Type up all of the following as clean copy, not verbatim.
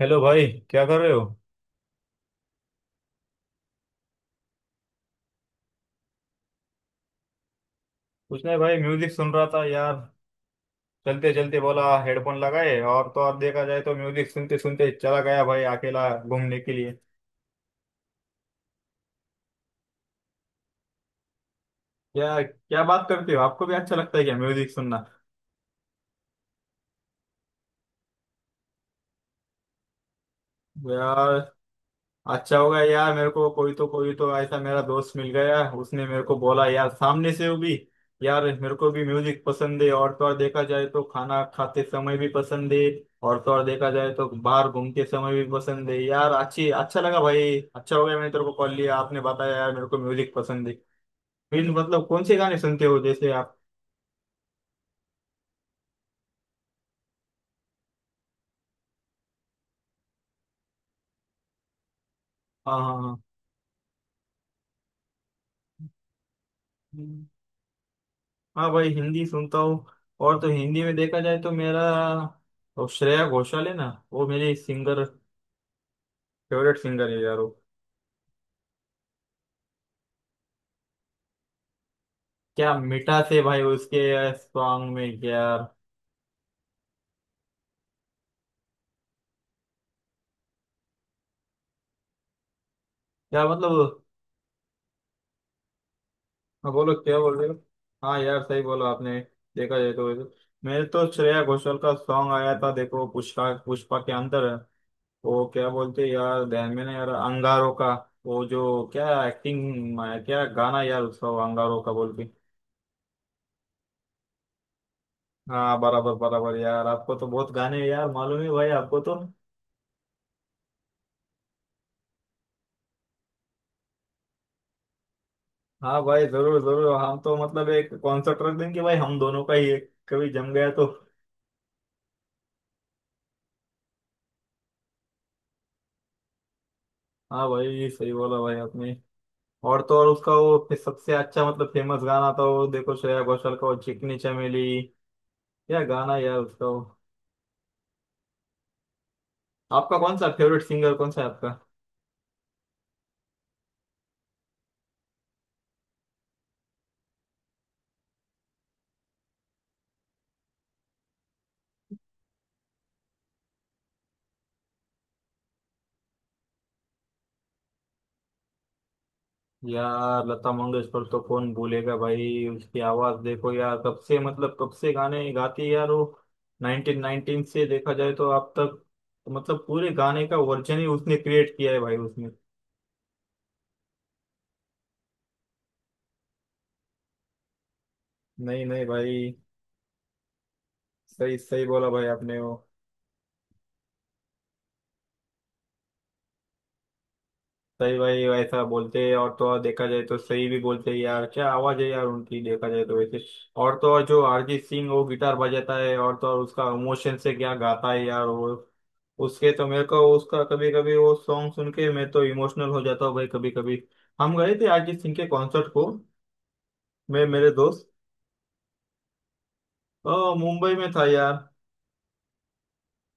Hello भाई, क्या कर रहे हो। कुछ नहीं भाई, म्यूजिक सुन रहा था यार। चलते चलते बोला हेडफोन लगाए और तो और देखा जाए तो म्यूजिक सुनते सुनते चला गया भाई, अकेला घूमने के लिए। क्या क्या बात करते हो, आपको भी अच्छा लगता है क्या म्यूजिक सुनना। यार अच्छा होगा यार, मेरे को कोई तो ऐसा मेरा दोस्त मिल गया, उसने मेरे को बोला यार सामने से वो भी यार, मेरे को भी म्यूजिक पसंद है। और तो और देखा जाए तो खाना खाते समय भी पसंद है, और तो और देखा जाए तो बाहर घूमते समय भी पसंद है यार। अच्छी अच्छा लगा भाई, अच्छा हो गया मैंने तेरे को कॉल लिया, आपने बताया यार मेरे को म्यूजिक पसंद है। फिर मतलब कौन से गाने सुनते हो जैसे आप। हाँ हाँ हाँ। हम्म, हाँ भाई हिंदी सुनता हूँ। और तो हिंदी में देखा जाए तो मेरा वो श्रेया घोषाल है ना, वो मेरी सिंगर फेवरेट सिंगर है यार वो। क्या मिठास है भाई उसके सॉन्ग में यार। क्या मतलब। हाँ बोलो, क्या बोल रहे हो। हाँ यार, सही बोला आपने। देखा जाए तो वैसे मेरे तो श्रेया घोषाल का सॉन्ग आया था, देखो पुष्पा, पुष्पा के अंदर। वो क्या बोलते हैं यार, ध्यान में ना यार अंगारों का। वो जो क्या एक्टिंग, क्या गाना यार उसका वो अंगारों का बोल के। हाँ बराबर बराबर यार, आपको तो बहुत गाने यार मालूम है भाई आपको तो। हाँ भाई जरूर जरूर, हम तो मतलब एक कॉन्सेप्ट रख देंगे भाई, हम दोनों का ही एक कभी जम गया तो। हाँ भाई ये सही बोला भाई आपने। और तो और उसका वो फिर सबसे अच्छा मतलब फेमस गाना था वो, देखो श्रेया घोषाल का वो चिकनी चमेली। क्या गाना यार उसका वो। आपका कौन सा फेवरेट सिंगर, कौन सा है आपका। यार लता मंगेशकर तो कौन भूलेगा भाई। उसकी आवाज देखो यार, कब से मतलब कब से गाने गाती है यार वो। 1919 से देखा जाए तो अब तक मतलब पूरे गाने का वर्जन ही उसने क्रिएट किया है भाई उसने। नहीं नहीं भाई। सही सही बोला भाई आपने वो। सही भाई ऐसा बोलते हैं, और तो और देखा जाए तो सही भी बोलते हैं यार, क्या आवाज है यार उनकी देखा जाए तो वैसे। और तो और जो अरिजीत सिंह, वो गिटार बजाता है और तो और उसका इमोशन से क्या गाता है यार वो। उसके तो मेरे को उसका कभी कभी वो सॉन्ग सुन के मैं तो इमोशनल हो जाता हूँ भाई कभी कभी। हम गए थे अरिजीत सिंह के कॉन्सर्ट को, मैं मेरे दोस्त। अ, मुंबई में था यार।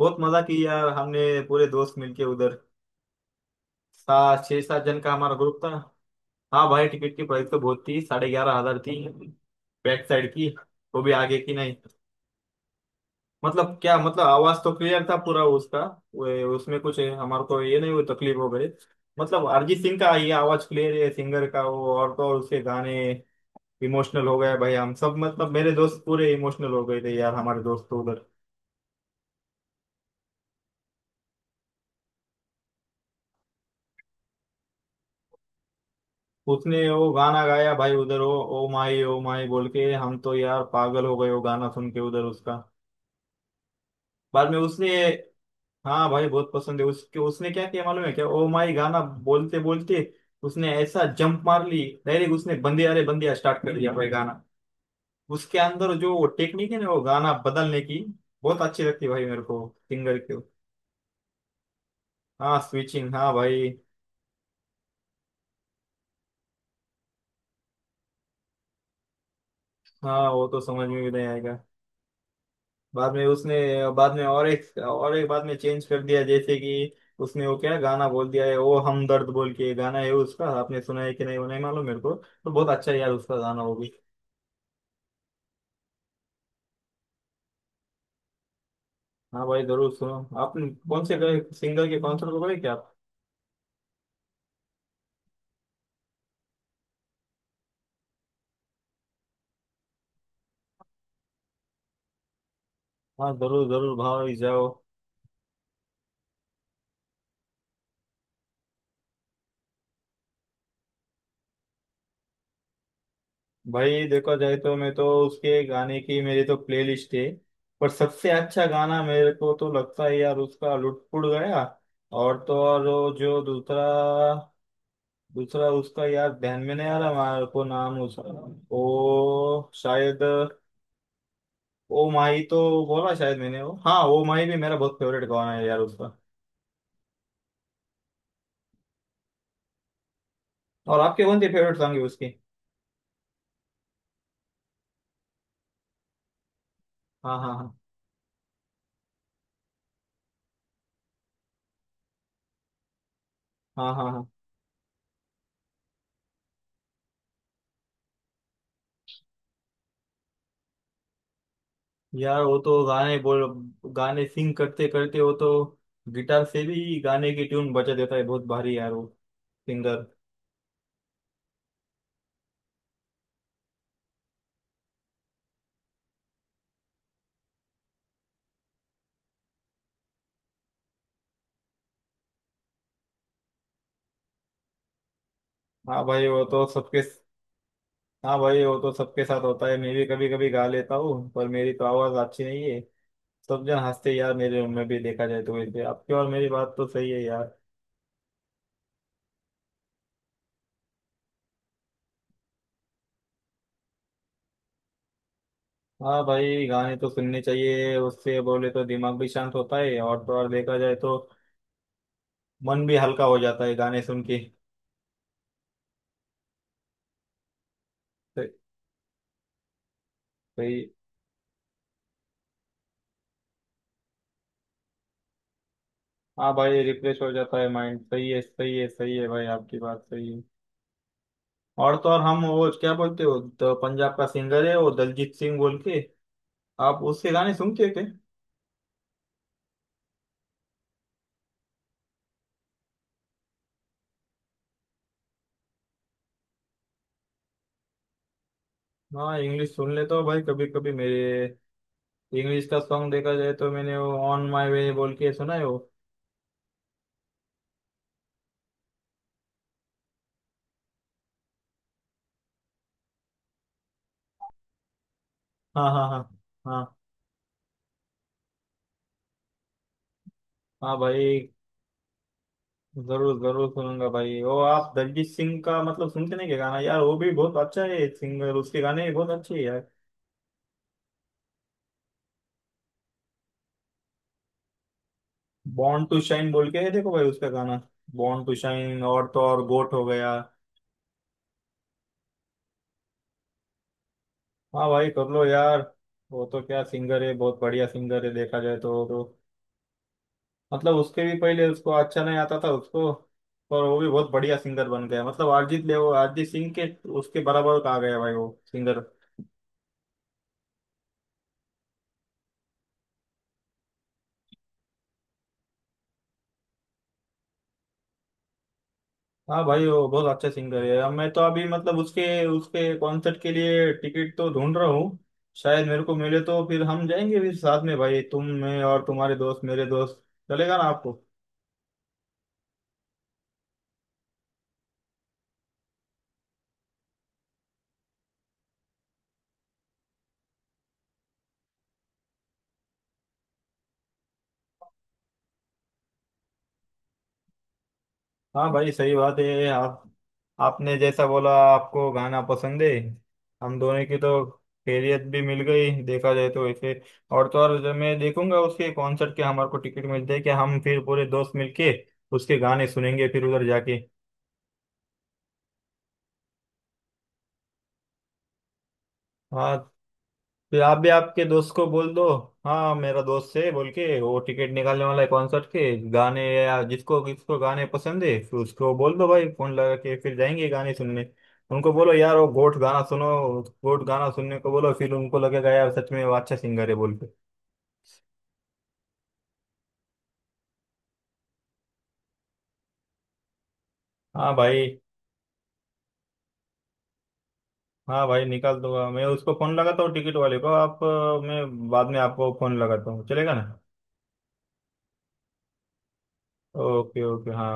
बहुत मजा की यार, हमने पूरे दोस्त मिलके उधर। सात छह सात जन का हमारा ग्रुप था। हाँ भाई टिकट की प्राइस तो बहुत थी, 11,500 थी, बैक साइड की, वो भी आगे की नहीं। मतलब क्या मतलब, आवाज तो क्लियर था पूरा उसका। उसमें कुछ हमारे को ये नहीं हुई तकलीफ हो गई। मतलब अरिजीत सिंह का ये आवाज क्लियर है सिंगर का वो, और तो और उसके गाने। इमोशनल हो गए भाई हम सब मतलब, मेरे दोस्त पूरे इमोशनल हो गए थे यार, हमारे दोस्त तो उधर। उसने वो गाना गाया भाई उधर, वो ओ माई बोल के, हम तो यार पागल हो गए वो गाना सुन के उधर उसका। बाद में उसने। हाँ भाई बहुत पसंद है उसके, उसने क्या किया मालूम है क्या, ओ माई गाना बोलते बोलते उसने ऐसा जंप मार ली डायरेक्ट, उसने बंदे, अरे बंदिया स्टार्ट कर दिया भाई गाना। उसके अंदर जो वो टेक्निक है ना, वो गाना बदलने की बहुत अच्छी लगती है भाई मेरे को सिंगर की। हाँ स्विचिंग, हाँ भाई। हाँ वो तो समझ में भी नहीं आएगा। बाद में उसने बाद में और एक बाद में चेंज कर दिया जैसे कि उसने वो क्या गाना बोल दिया है, वो हमदर्द बोल के गाना है उसका, आपने सुना है कि नहीं वो नहीं मालूम, मेरे को तो बहुत अच्छा है यार उसका गाना वो भी। हाँ भाई जरूर सुनो। आपने कौन से गए सिंगर के कॉन्सर्ट को गए क्या आप। हाँ जरूर जरूर भाई जाओ। भाई देखा जाए तो मैं तो उसके गाने की मेरी तो प्लेलिस्ट है। पर सबसे अच्छा गाना मेरे को तो लगता है यार उसका लुटपुट गया। और तो और वो जो दूसरा दूसरा उसका यार ध्यान में नहीं आ रहा मेरे को नाम उसका। वो शायद ओ माही तो बोला शायद मैंने, वो हाँ ओ माही भी मेरा बहुत फेवरेट गाना है यार उसका। और आपके कौन से फेवरेट सॉन्ग है उसके। हाँ हाँ हाँ। हाँ हाँ। यार वो तो गाने बोल, गाने सिंग करते करते वो तो गिटार से भी गाने की ट्यून बजा देता है बहुत भारी यार वो सिंगर। हाँ भाई वो तो सबके। हाँ भाई वो तो सबके साथ होता है, मैं भी कभी कभी गा लेता हूँ पर मेरी तो आवाज अच्छी नहीं है। सब जन हंसते हैं यार मेरे रूम में भी, देखा जाए तो वैसे आपकी और मेरी बात तो सही है यार। हाँ भाई गाने तो सुनने चाहिए, उससे बोले तो दिमाग भी शांत होता है और तो और देखा जाए तो मन भी हल्का हो जाता है गाने सुन के। सही। हाँ भाई रिफ्रेश हो जाता है माइंड, सही है सही है सही है भाई आपकी बात सही है। और तो और हम वो क्या बोलते हो, तो पंजाब का सिंगर है वो दलजीत सिंह बोल के। आप उसके गाने सुनते हो क्या। हाँ इंग्लिश सुन लेता हूँ भाई कभी कभी मेरे। इंग्लिश का सॉन्ग देखा जाए तो मैंने वो ऑन माई वे बोल के सुना है वो। हाँ हाँ हाँ। हाँ हाँ भाई जरूर जरूर सुनूंगा भाई वो। आप दलजीत सिंह का मतलब सुनते नहीं क्या, गाना यार वो भी बहुत अच्छा है सिंगर, उसके गाने भी बहुत अच्छे हैं यार। बॉर्न टू शाइन बोल के है, देखो भाई उसका गाना, बॉर्न टू शाइन, और तो और गोट हो गया। हाँ भाई कर लो यार। वो तो क्या सिंगर है, बहुत बढ़िया सिंगर है देखा जाए तो मतलब उसके भी पहले उसको अच्छा नहीं आता था उसको, पर वो भी बहुत बढ़िया सिंगर बन गया मतलब, अरिजीत ले वो अरिजीत सिंह के उसके बराबर का आ गया भाई वो सिंगर। हाँ भाई वो बहुत अच्छे सिंगर है। अब मैं तो अभी मतलब उसके, उसके कॉन्सर्ट के लिए टिकट तो ढूंढ रहा हूँ। शायद मेरे को मिले तो फिर हम जाएंगे भी साथ में भाई, तुम मैं और तुम्हारे दोस्त मेरे दोस्त, चलेगा ना आपको। हाँ भाई सही बात है आप। आपने जैसा बोला आपको गाना पसंद है, हम दोनों की तो खैरियत भी मिल गई देखा जाए तो वैसे। और तो और जब मैं देखूंगा उसके कॉन्सर्ट के हमारे को टिकट मिलते हैं कि हम, फिर पूरे दोस्त मिलके उसके गाने सुनेंगे फिर उधर जाके। हाँ। फिर आप भी आपके दोस्त को बोल दो। हाँ मेरा दोस्त है बोल के, वो टिकट निकालने वाला है कॉन्सर्ट के, गाने या जिसको किसको गाने पसंद है फिर उसको बोल दो भाई फोन लगा के फिर जाएंगे गाने सुनने। उनको बोलो यार वो गोट गाना सुनो, गोट गाना सुनने को बोलो, फिर उनको लगेगा यार सच में वो अच्छा सिंगर है बोल के। हाँ भाई। हाँ भाई निकाल दूंगा, मैं उसको फोन लगाता हूँ टिकट वाले को, आप मैं बाद में आपको फोन लगाता हूँ, चलेगा ना। ओके ओके हाँ।